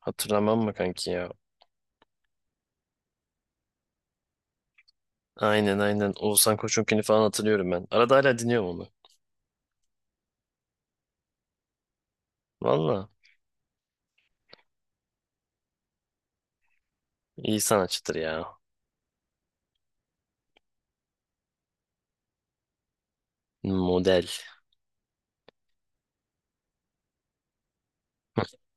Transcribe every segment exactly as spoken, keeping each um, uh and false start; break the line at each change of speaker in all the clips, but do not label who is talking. Hatırlamam mı kanki ya? Aynen aynen. Oğuzhan Koçunkini falan hatırlıyorum ben. Arada hala dinliyorum onu. Valla. İyi sanatçıdır ya. Model.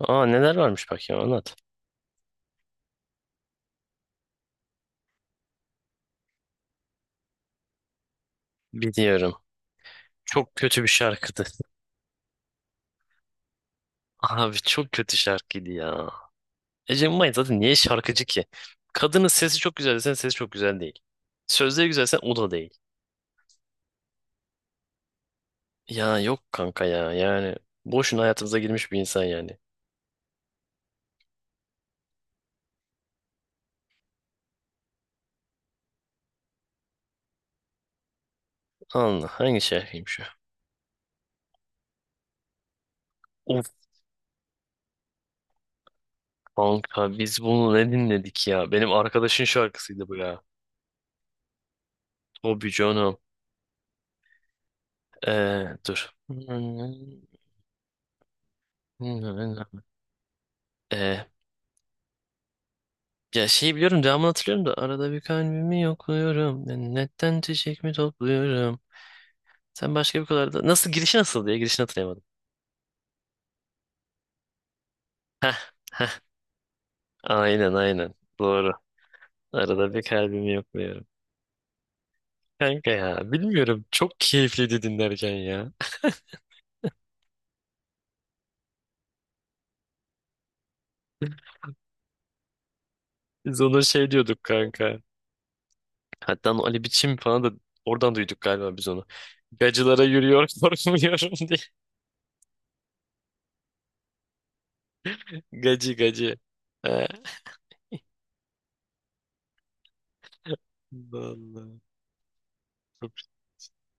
Aa, neler varmış bak ya, anlat. Biliyorum. Çok kötü bir şarkıdı. Abi çok kötü şarkıydı ya. Ece Mumay zaten niye şarkıcı ki? Kadının sesi çok güzel desen sesi çok güzel değil. Sözleri güzelse o da değil. Ya yok kanka ya, yani. Boşuna hayatımıza girmiş bir insan yani. Allah, hangi şarkıymış o? Kanka biz bunu ne dinledik ya? Benim arkadaşın şarkısıydı bu ya. Toby Jono. Ee, dur. Ee, ya şeyi biliyorum, devamını hatırlıyorum da arada bir kalbimi yokluyorum. Netten çiçek mi topluyorum? Sen başka bir kadar da... Nasıl girişi, nasıl diye girişini hatırlayamadım. Heh, heh. Aynen aynen. Doğru. Arada bir kalbimi yokluyorum. Kanka ya bilmiyorum, çok keyifliydi dinlerken ya. Biz ona şey diyorduk kanka. Hatta o Ali Biçim falan da oradan duyduk galiba biz onu. Gacılara yürüyor korkmuyorum diye. Gacı gacı. Ee, vallahi çok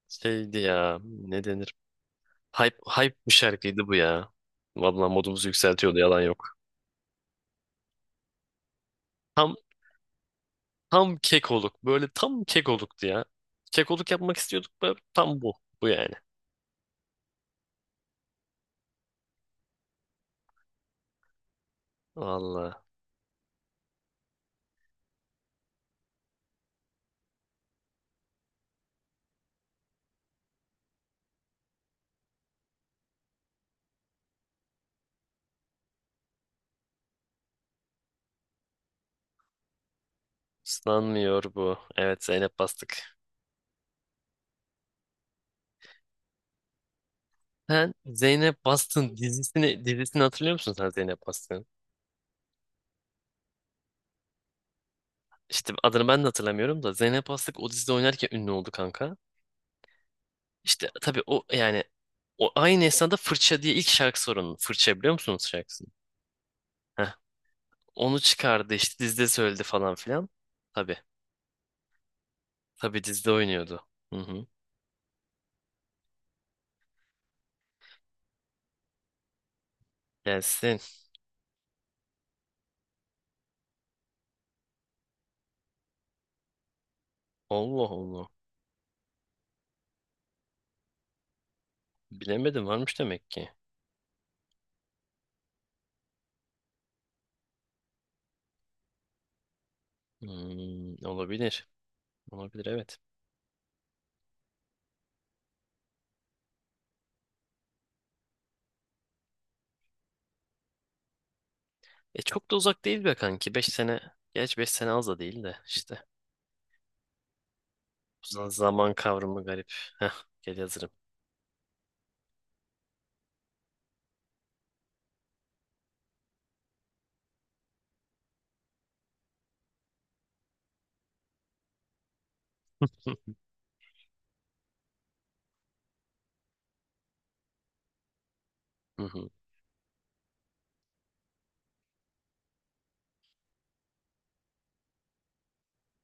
şeydi ya. Ne denir? Hype, hype bir şarkıydı bu ya. Vallahi modumuzu yükseltiyordu, yalan yok. Tam tam kekoluk. Böyle tam kekoluktu ya. Kekoluk yapmak istiyorduk da tam bu. Bu yani. Vallahi. Islanmıyor bu. Evet, Zeynep Bastık. Sen Zeynep Bastık'ın dizisini, dizisini hatırlıyor musun, sen Zeynep Bastık'ın? İşte adını ben de hatırlamıyorum da Zeynep Aslık o dizide oynarken ünlü oldu kanka. İşte tabii o, yani o aynı esnada Fırça diye ilk şarkısı var onun. Fırça biliyor musunuz şarkısını? Heh. Onu çıkardı, işte dizide söyledi falan filan. Tabii. Tabii dizide oynuyordu. Hı hı. Gelsin. Allah Allah. Bilemedim, varmış demek ki. Hmm, olabilir. Olabilir evet. E çok da uzak değil be kanki. beş sene. Geç beş sene, az da değil de işte. Z- Zaman kavramı garip. Heh, gel, hazırım. Hı hı.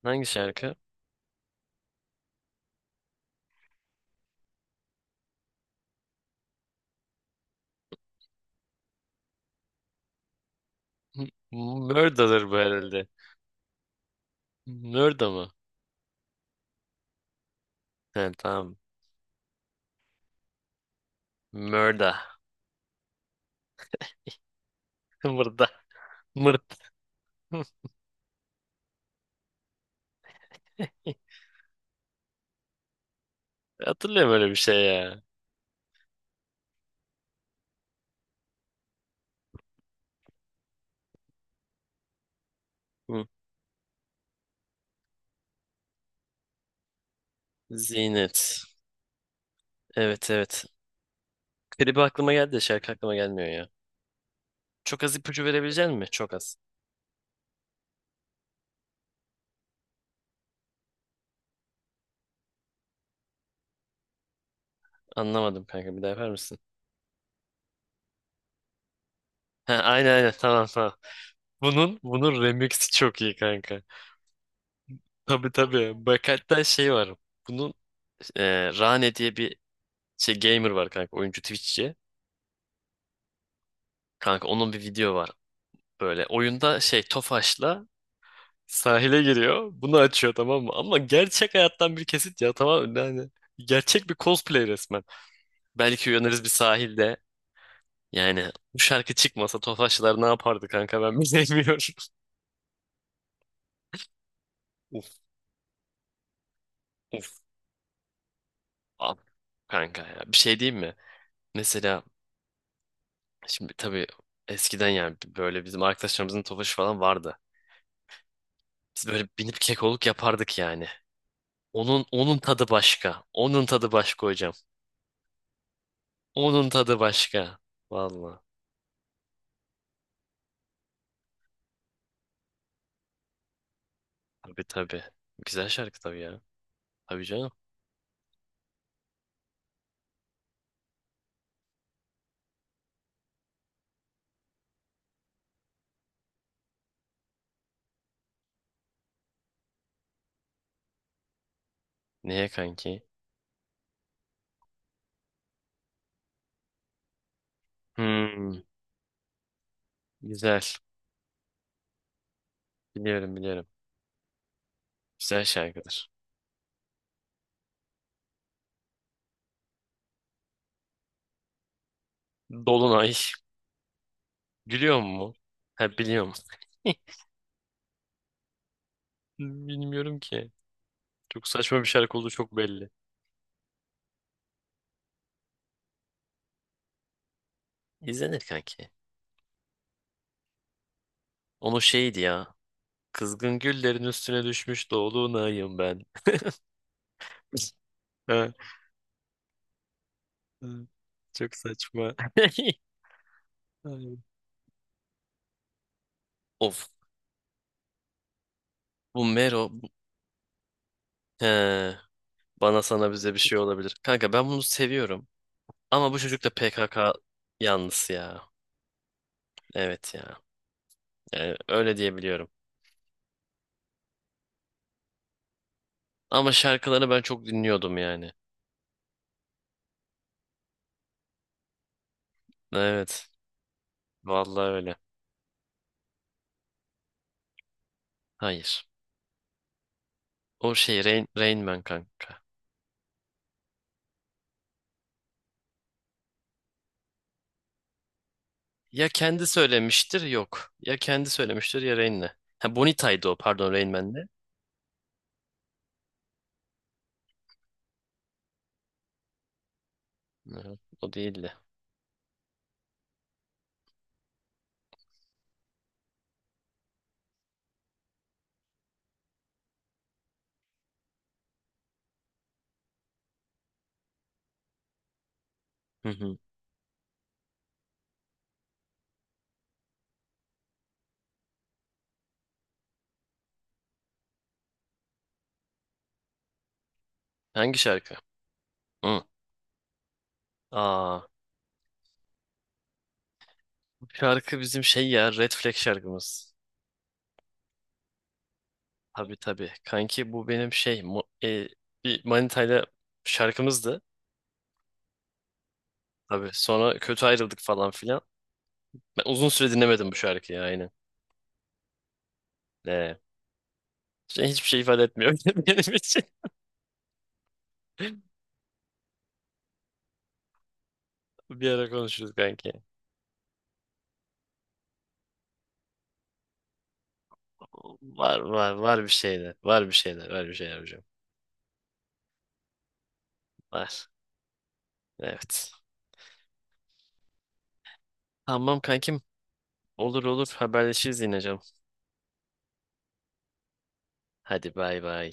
Hangi şarkı? M- Murda'dır bu herhalde. Murda mı? He, tamam. Murda. Murda. Mırda. Hatırlıyorum öyle bir şey ya. Hı. Zinet. Evet evet. Klibi aklıma geldi de şarkı aklıma gelmiyor ya. Çok az ipucu verebilecek misin? Çok az. Anlamadım kanka, bir daha yapar mısın? Ha, aynen aynen, tamam tamam. Bunun bunun remixi çok iyi kanka. Tabii tabii. Bak, hatta şey var. Bunun e, Rane diye bir şey, gamer var kanka, oyuncu, Twitch'çi. Kanka onun bir video var. Böyle oyunda şey Tofaş'la sahile giriyor. Bunu açıyor, tamam mı? Ama gerçek hayattan bir kesit ya, tamam mı? Yani gerçek bir cosplay resmen. Belki uyanırız bir sahilde. Yani bu şarkı çıkmasa Tofaşlar ne yapardı kanka, ben bilmiyorum. Uf uf. Abi, kanka ya bir şey diyeyim mi? Mesela şimdi tabii eskiden, yani böyle bizim arkadaşlarımızın Tofaşı falan vardı. Biz böyle binip kekoluk yapardık yani. Onun onun tadı başka. Onun tadı başka hocam. Onun tadı başka. Vallahi. Tabii tabii. Güzel şarkı tabii ya. Tabii canım. Niye kanki? Hmm, güzel. Biliyorum biliyorum. Güzel şarkıdır. Dolunay. Gülüyor mu? Ha, biliyorum. Bilmiyorum ki. Çok saçma bir şarkı olduğu çok belli. İzlenir kanki. Onu şeydi ya. Kızgın güllerin üstüne düşmüş dolunayım ben. Ha, hı. Çok saçma. Ay. Of. Bu Mero. bu- He, bana sana bize bir şey olabilir. Kanka ben bunu seviyorum. Ama bu çocuk da P K K yanlısı ya. Evet ya. Yani öyle diyebiliyorum. Ama şarkıları ben çok dinliyordum yani. Evet. Vallahi öyle. Hayır. O şey Rain, Rain Man kanka. Ya kendi söylemiştir, yok. Ya kendi söylemiştir, ya Rain'le. Ha, Bonita'ydı o, pardon, Rain Man'le. Hı, o değildi. Hı hı. Hangi şarkı? Hı. Aa, bu şarkı bizim şey ya, Red Flag şarkımız. Tabii tabii. Kanki bu benim şey mu- e, bir Manita'yla şarkımızdı. Tabii sonra kötü ayrıldık falan filan. Ben uzun süre dinlemedim bu şarkıyı, aynen. Ee, şey, hiçbir şey ifade etmiyor benim için. Bir ara konuşuruz kanki. Var var var bir şeyler. Var bir şeyler. Var bir şeyler hocam. Var. Evet. Tamam kankim. Olur olur, haberleşiriz yine canım. Hadi bay bay.